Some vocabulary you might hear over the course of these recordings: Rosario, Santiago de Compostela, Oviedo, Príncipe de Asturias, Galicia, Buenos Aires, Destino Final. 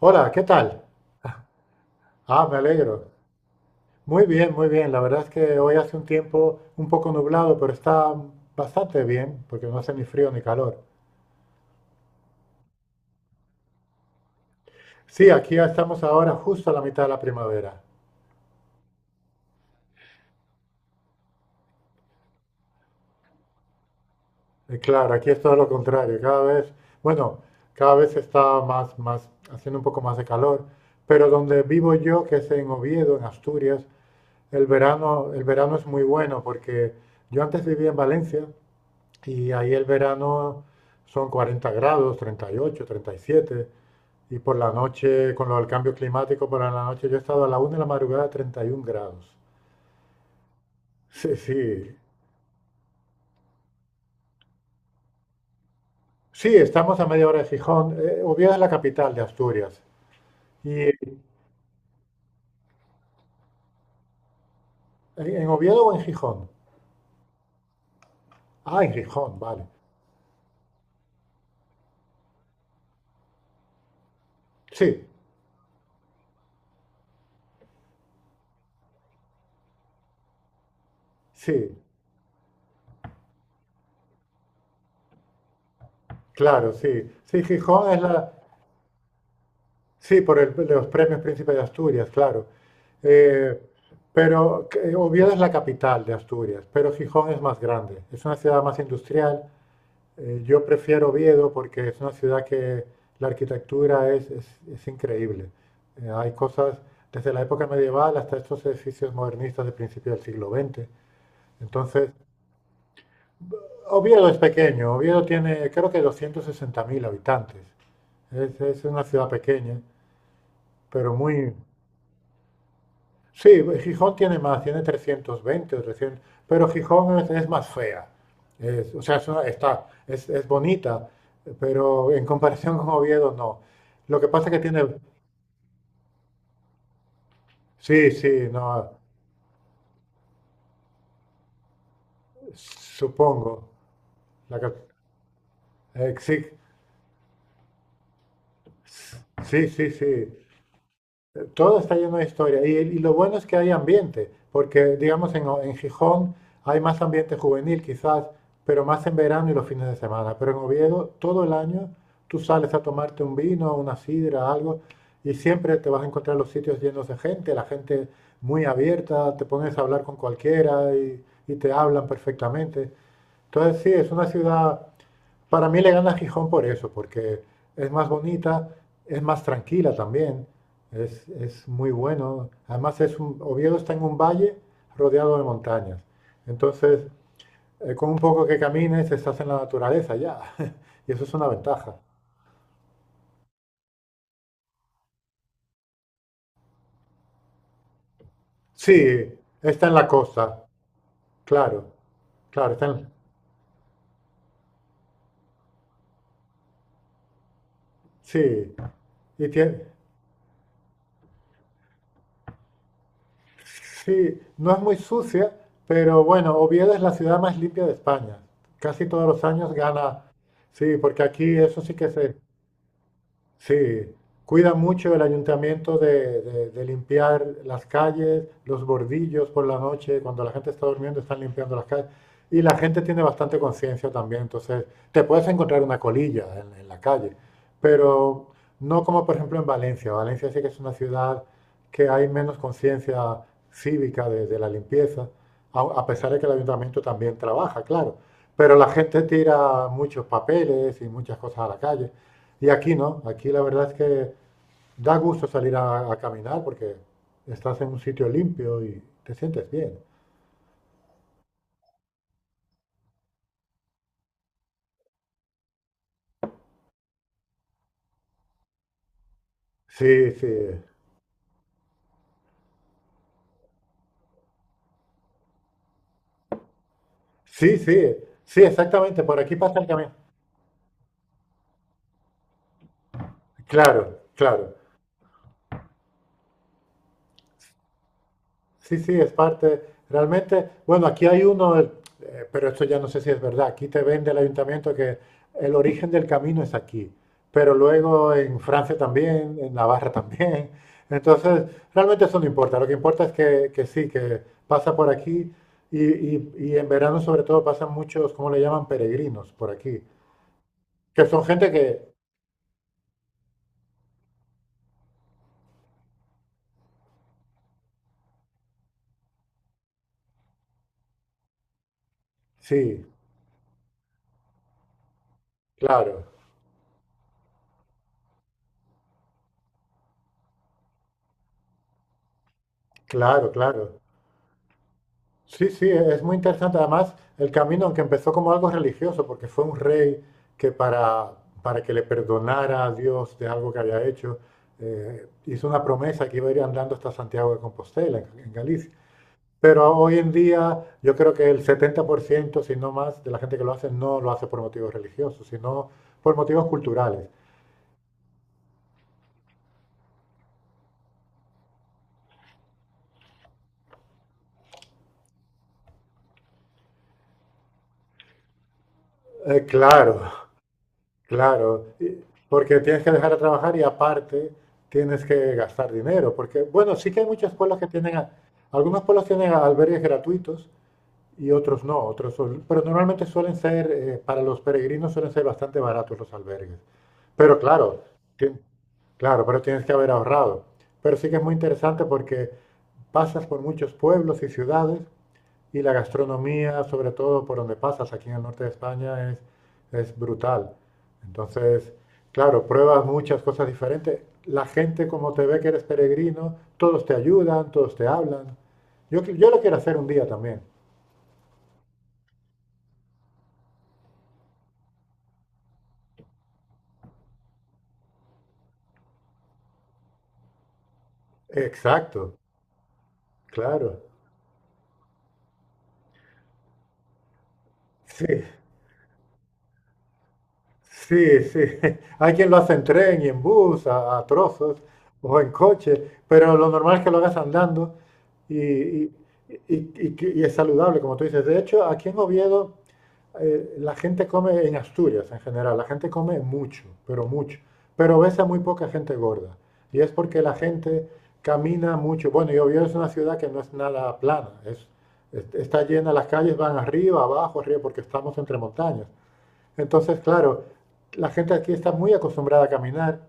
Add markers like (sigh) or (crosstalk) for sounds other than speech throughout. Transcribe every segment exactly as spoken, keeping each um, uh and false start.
Hola, ¿qué tal? Ah, me alegro. Muy bien, muy bien. La verdad es que hoy hace un tiempo un poco nublado, pero está bastante bien porque no hace ni frío ni calor. Sí, aquí ya estamos ahora justo a la mitad de la primavera. Eh, claro, aquí es todo lo contrario. Cada vez, bueno, cada vez está más, más, haciendo un poco más de calor. Pero donde vivo yo, que es en Oviedo, en Asturias, el verano, el verano es muy bueno porque yo antes vivía en Valencia y ahí el verano son cuarenta grados, treinta y ocho treinta y siete, y por la noche, con lo del cambio climático, por la noche yo he estado a la una de la madrugada a treinta y uno grados. Sí, sí. Sí, estamos a media hora de Gijón. Eh, Oviedo es la capital de Asturias. ¿Y eh, en Oviedo o en Gijón? Ah, en Gijón, vale. Sí, sí, claro, sí. Sí, Gijón es la. Sí, por el- los premios Príncipe de Asturias, claro. Eh, pero que- Oviedo es la capital de Asturias, pero Gijón es más grande. Es una ciudad más industrial. Eh, yo prefiero Oviedo porque es una ciudad que la arquitectura es, es- es increíble. Eh, hay cosas desde la época medieval hasta estos edificios modernistas de principios del siglo veinte. Entonces, Oviedo es pequeño. Oviedo tiene creo que doscientos sesenta mil habitantes. Es, es una ciudad pequeña, pero muy. Sí, Gijón tiene más, tiene trescientos veinte o trescientos, pero Gijón es, es más fea. Es- o sea, es una- está, es, es bonita, pero en comparación con Oviedo no. Lo que pasa es que tiene, sí, sí, no, supongo. La, cap- eh, sí, sí, sí, sí. Todo está lleno de historia. Y, y lo bueno es que hay ambiente, porque digamos en, en Gijón hay más ambiente juvenil quizás, pero más en verano y los fines de semana. Pero en Oviedo todo el año tú sales a tomarte un vino, una sidra, algo, y siempre te vas a encontrar los sitios llenos de gente, la gente muy abierta, te pones a hablar con cualquiera y, y te hablan perfectamente. Entonces sí, es una ciudad, para mí le gana a Gijón por eso, porque es más bonita, es más tranquila también, es, es muy bueno. Además, es un- Oviedo está en un valle rodeado de montañas. Entonces, eh, con un poco que camines, estás en la naturaleza ya. (laughs) Y eso es una ventaja. Sí, está en la costa, claro, claro, está en. Sí, y tiene. Sí, no es muy sucia, pero bueno, Oviedo es la ciudad más limpia de España. Casi todos los años gana. Sí, porque aquí eso sí que se. Sí, cuida mucho el ayuntamiento de, de- de limpiar las calles, los bordillos por la noche, cuando la gente está durmiendo están limpiando las calles. Y la gente tiene bastante conciencia también, entonces te puedes encontrar una colilla en, en la calle, pero no como por ejemplo en Valencia. Valencia sí que es una ciudad que hay menos conciencia cívica de, de la limpieza, a, a pesar de que el ayuntamiento también trabaja, claro. Pero la gente tira muchos papeles y muchas cosas a la calle. Y aquí no, aquí la verdad es que da gusto salir a, a caminar porque estás en un sitio limpio y te sientes bien. Sí, sí, sí, sí, sí, exactamente, por aquí pasa el camino. Claro, claro. Sí, sí, es parte. Realmente, bueno, aquí hay uno, eh, pero esto ya no sé si es verdad. Aquí te vende el ayuntamiento que el origen del camino es aquí, pero luego en Francia también, en Navarra también. Entonces, realmente eso no importa. Lo que importa es que, que sí, que pasa por aquí y, y- y en verano sobre todo pasan muchos, ¿cómo le llaman? Peregrinos por aquí, que son gente que, sí, claro, claro, claro. Sí, sí, e- es muy interesante. Además, el camino, aunque empezó como algo religioso, porque fue un rey que para, para que le perdonara a Dios de algo que había hecho, eh, hizo una promesa que iba a ir andando hasta Santiago de Compostela, en, en Galicia. Pero hoy en día yo creo que el setenta por ciento, si no más, de la gente que lo hace no lo hace por motivos religiosos, sino por motivos culturales. Eh, claro. Claro, y- porque tienes que dejar de trabajar y aparte tienes que gastar dinero, porque bueno, sí que hay muchos pueblos que tienen, a- algunos pueblos tienen albergues gratuitos y otros no, otros son- pero normalmente suelen ser, eh, para los peregrinos suelen ser bastante baratos los albergues. Pero claro, tien- claro, pero tienes que haber ahorrado. Pero sí que es muy interesante porque pasas por muchos pueblos y ciudades y la gastronomía, sobre todo por donde pasas, aquí en el norte de España, es, es brutal. Entonces, claro, pruebas muchas cosas diferentes. La gente, como te ve que eres peregrino, todos te ayudan, todos te hablan. Yo, qui- yo lo quiero hacer un día también. Exacto, claro. Sí. Sí, sí. (laughs) Hay quien lo hace en tren y en bus, a, a trozos, o en coche, pero lo normal es que lo hagas andando y, y- y- y que- y es saludable, como tú dices. De hecho, aquí en Oviedo, eh, la gente come, en Asturias en general, la gente come mucho, pero mucho. Pero ves a muy poca gente gorda. Y es porque la gente camina mucho. Bueno, y Oviedo es una ciudad que no es nada plana, es, es- está llena, las calles van arriba, abajo, arriba, porque estamos entre montañas. Entonces, claro, la gente aquí está muy acostumbrada a caminar.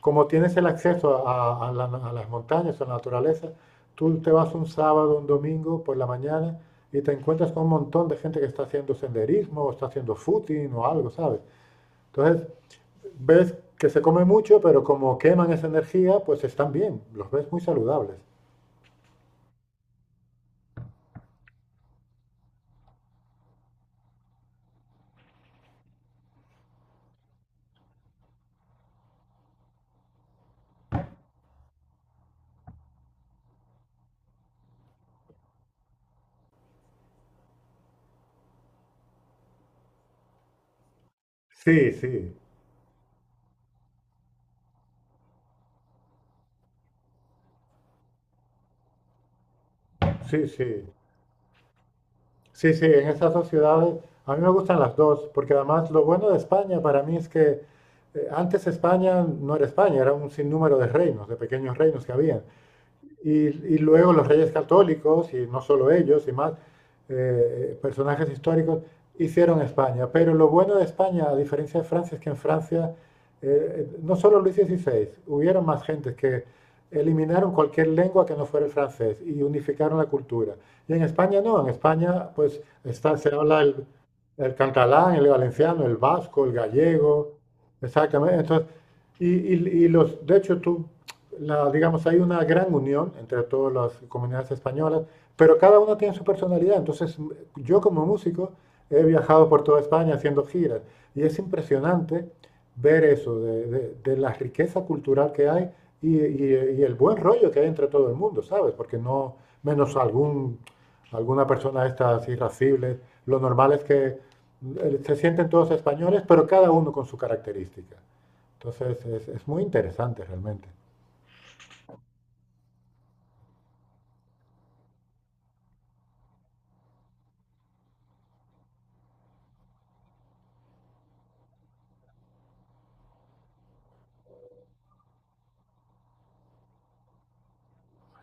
Como tienes el acceso a, a la- a las montañas, a la naturaleza, tú te vas un sábado, un domingo por la mañana y te encuentras con un montón de gente que está haciendo senderismo o está haciendo footing o algo, ¿sabes? Entonces, ves que se come mucho, pero como queman esa energía, pues están bien, los ves muy saludables. Sí, sí, sí, sí. Sí, sí, en esas dos ciudades, a mí me gustan las dos, porque además lo bueno de España para mí es que eh, antes España no era España, era un sinnúmero de reinos, de pequeños reinos que había y, y luego los reyes católicos, y no solo ellos, y más eh, personajes históricos, hicieron España. Pero lo bueno de España, a diferencia de Francia, es que en Francia eh, no solo Luis dieciséis, hubieron más gentes que eliminaron cualquier lengua que no fuera el francés y unificaron la cultura. Y en España no, en España pues está, se habla el, el catalán, el valenciano, el vasco, el gallego, exactamente. Entonces, y, y- y los, de hecho tú la, digamos, hay una gran unión entre todas las comunidades españolas, pero cada una tiene su personalidad. Entonces, yo como músico he viajado por toda España haciendo giras y es impresionante ver eso, de, de- de la riqueza cultural que hay y, y- y el buen rollo que hay entre todo el mundo, ¿sabes? Porque no, menos algún, alguna persona de estas irascibles, lo normal es que eh, se sienten todos españoles, pero cada uno con su característica. Entonces, es es muy interesante realmente.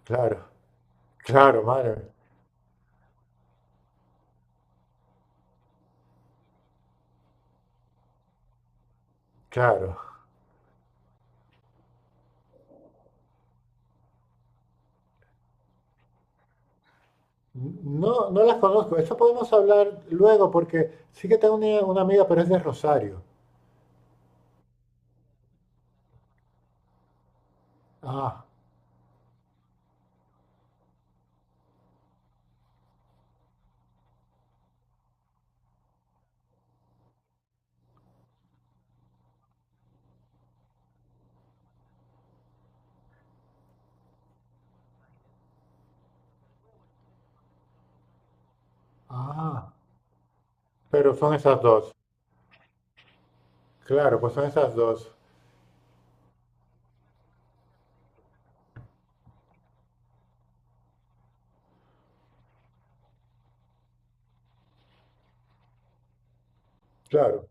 Claro, claro, madre, claro. No, no las conozco. Eso podemos hablar luego porque sí que tengo una, una amiga, pero es de Rosario. Ah, ah. Pero son esas dos. Claro, pues son esas dos. Claro.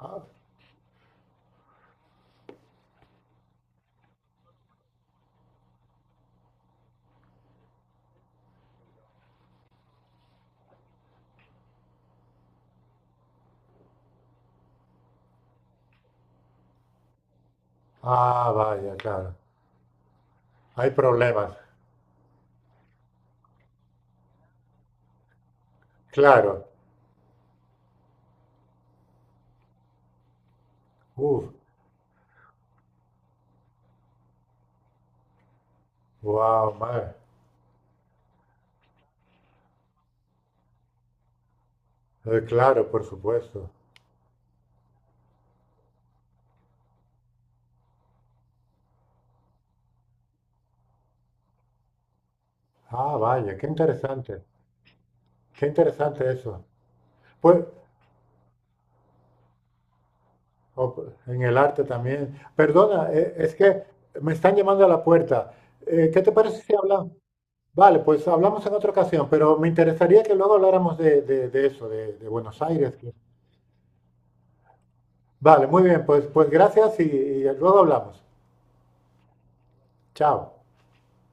Ah, ah, vaya, claro. Hay problemas. Claro. Uf, wow, madre. Eh, claro, por supuesto. Ah, vaya, qué interesante. Qué interesante eso. Pues, o en el arte también. Perdona, eh, es que me están llamando a la puerta. Eh, ¿qué te parece si hablamos? Vale, pues hablamos en otra ocasión, pero me interesaría que luego habláramos de, de- de eso, de, de Buenos Aires. Vale, muy bien, pues, pues gracias y y luego hablamos. Chao.